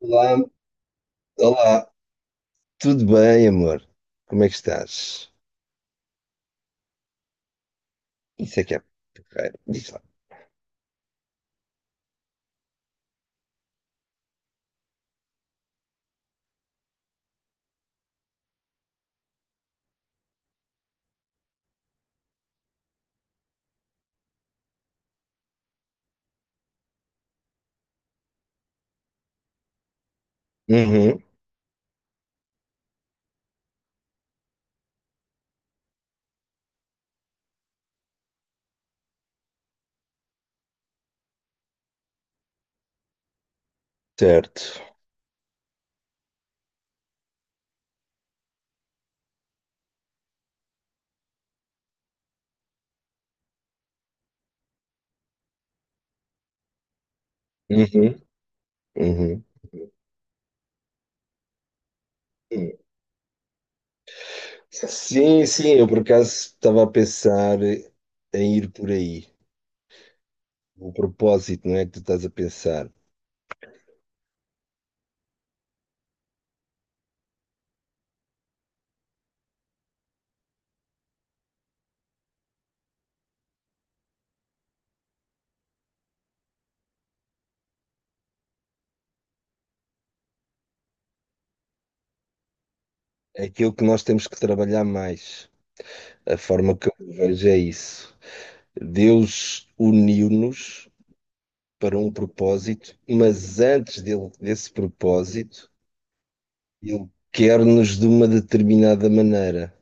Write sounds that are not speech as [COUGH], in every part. Olá, olá, tudo bem, amor? Como é que estás? Isso é que é porreiro. Diz lá. Uhum, certo. Uhum, uhum. Hum. Sim, sim, eu por acaso estava a pensar em ir por aí. O propósito, não é que tu estás a pensar. É aquilo que nós temos que trabalhar mais. A forma que eu vejo é isso. Deus uniu-nos para um propósito, mas antes desse propósito. Ele quer-nos de uma determinada maneira,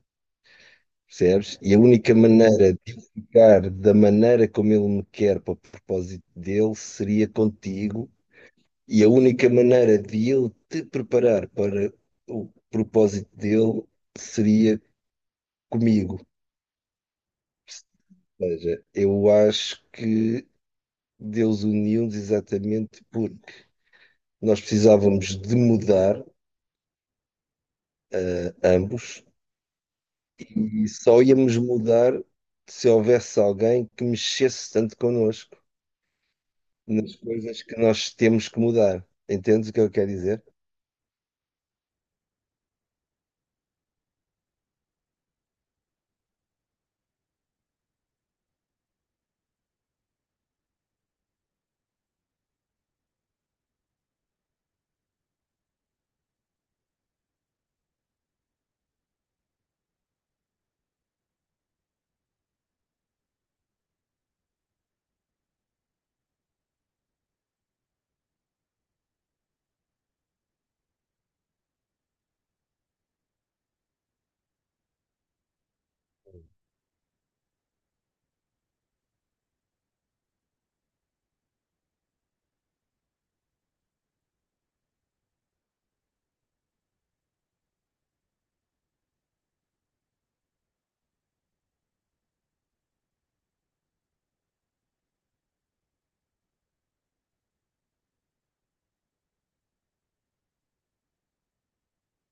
percebes? E a única maneira de eu ficar da maneira como ele me quer para o propósito dele seria contigo, e a única maneira de ele te preparar para o propósito dele seria comigo. Ou seja, eu acho que Deus uniu-nos exatamente porque nós precisávamos de mudar ambos, e só íamos mudar se houvesse alguém que mexesse tanto connosco nas coisas que nós temos que mudar. Entendes o que eu quero dizer?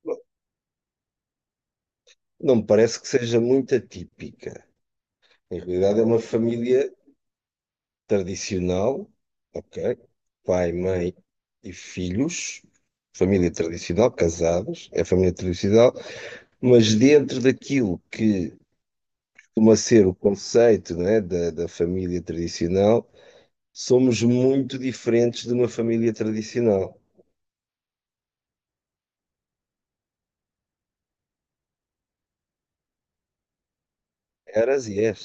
Bom, não me parece que seja muito atípica. Em realidade, é uma família tradicional, ok? Pai, mãe e filhos. Família tradicional, casados, é família tradicional, mas dentro daquilo que costuma ser o conceito, né, da família tradicional. Somos muito diferentes de uma família tradicional. Eras e és.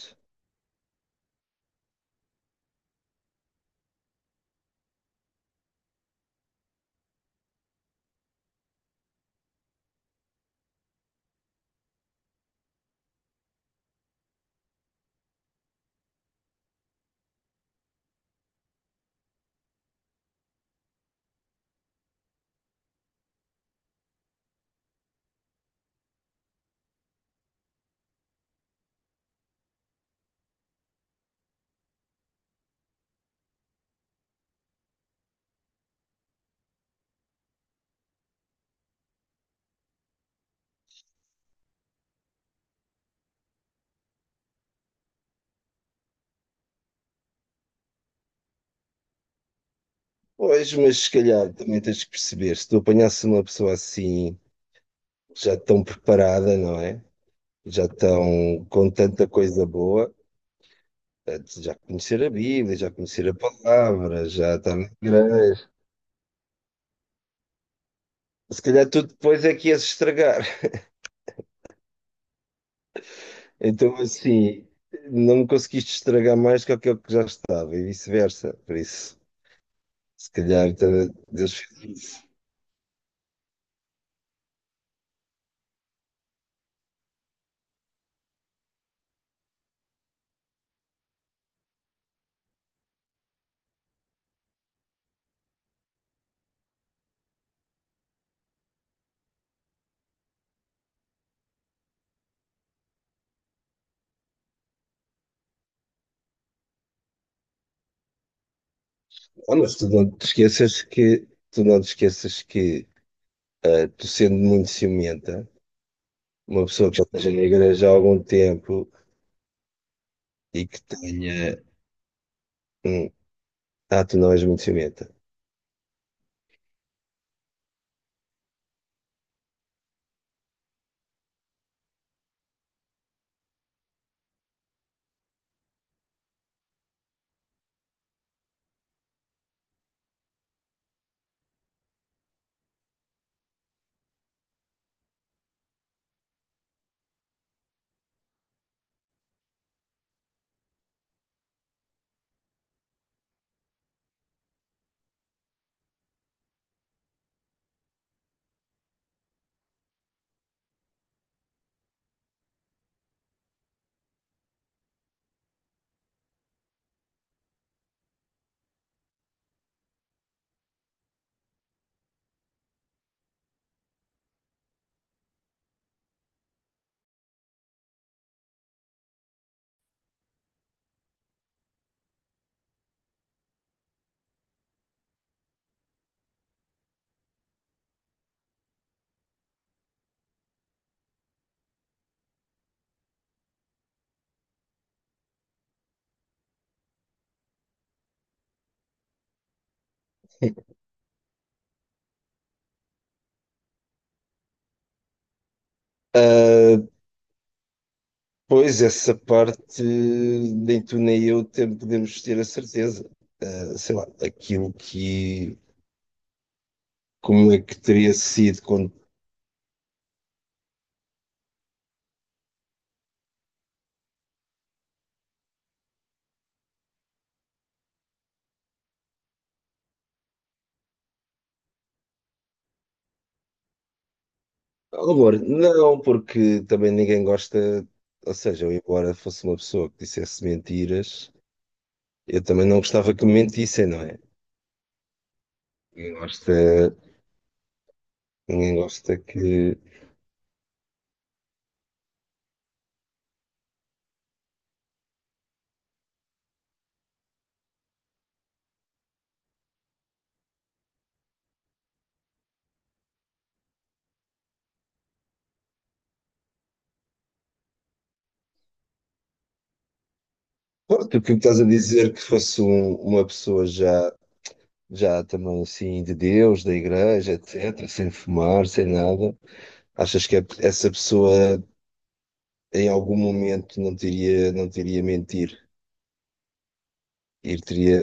Pois, mas se calhar também tens que perceber, se tu apanhasse uma pessoa assim, já tão preparada, não é? Já tão com tanta coisa boa, já conhecer a Bíblia, já conhecer a palavra, já está na igreja. Se calhar tu depois é que ias estragar. [LAUGHS] Então, assim, não me conseguiste estragar mais que aquilo que já estava e vice-versa. Por isso, se calhar, Deus. Ah, mas tu não te esqueças que, tu não te esqueças que tu sendo muito ciumenta, uma pessoa que já esteja na igreja há algum tempo e que tenha. hum, tu não és muito ciumenta. Ah, pois, essa parte nem tu nem eu podemos ter a certeza. Ah, sei lá, aquilo que. Como é que teria sido quando. Amor, não, porque também ninguém gosta. Ou seja, eu, embora fosse uma pessoa que dissesse mentiras, eu também não gostava que me mentissem, não é? Ninguém gosta, ninguém gosta que. Pronto, o que estás a dizer que fosse uma pessoa já, também assim de Deus, da igreja, etc., sem fumar, sem nada. Achas que essa pessoa em algum momento não teria, mentir? Ir teria.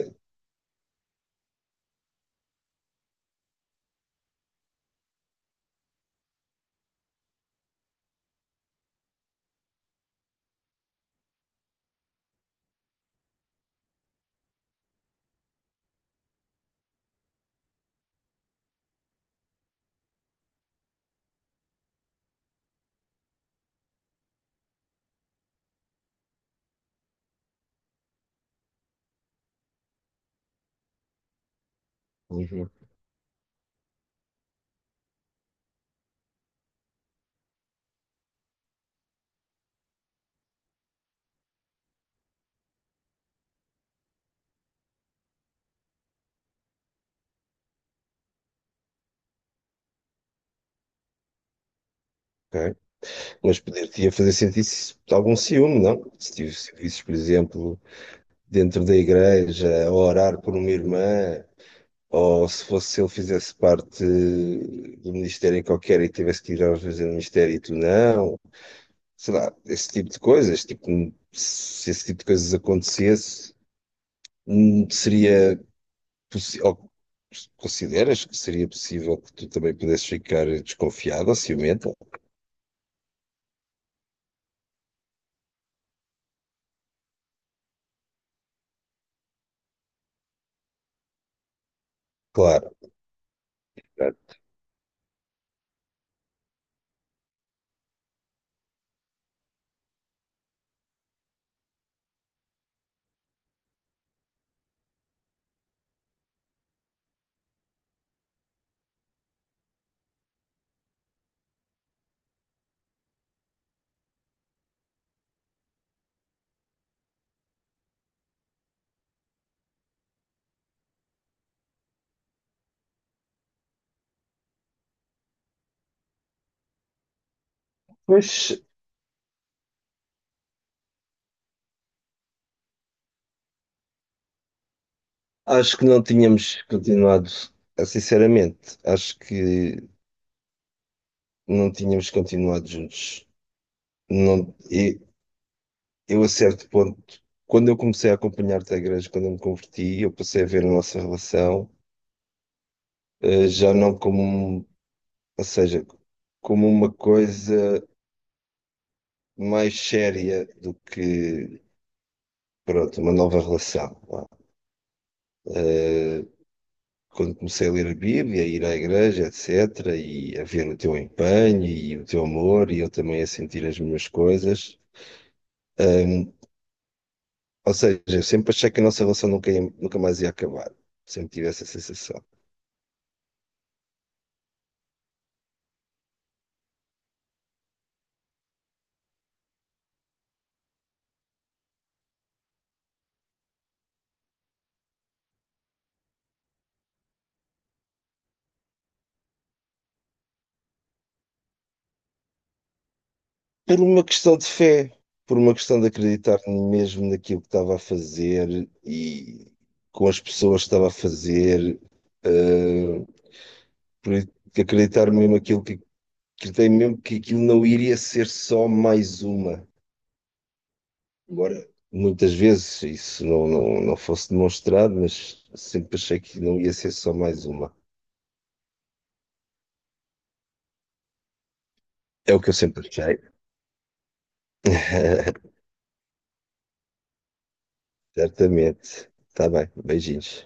Uhum. Ok. Mas poder-te fazer sentir -se algum ciúme, não? Se por exemplo, dentro da igreja, a orar por uma irmã, ou se fosse ele fizesse parte do ministério em qualquer e tivesse que ir às vezes ao ministério e tu não, sei lá, esse tipo de coisas, tipo, se esse tipo de coisas acontecesse, seria possível, consideras que seria possível que tu também pudesses ficar desconfiado ou ciumento? Claro. Pois acho que não tínhamos continuado, sinceramente, acho que não tínhamos continuado juntos. Não, e eu a certo ponto, quando eu comecei a acompanhar-te à igreja, quando eu me converti, eu passei a ver a nossa relação, já não como, ou seja, como uma coisa mais séria do que, pronto, uma nova relação. Vá. Eh, quando comecei a ler a Bíblia, a ir à igreja, etc., e a ver o teu empenho e o teu amor, e eu também a sentir as minhas coisas. Ou seja, eu sempre achei que a nossa relação nunca, nunca mais ia acabar. Sempre tive essa sensação. Por uma questão de fé, por uma questão de acreditar mesmo naquilo que estava a fazer e com as pessoas que estava a fazer, eh, por acreditar mesmo aquilo que acreditei mesmo que aquilo não iria ser só mais uma. Agora, muitas vezes isso não fosse demonstrado, mas sempre achei que não ia ser só mais uma. É o que eu sempre achei. [LAUGHS] Certamente. Está bem, beijinhos.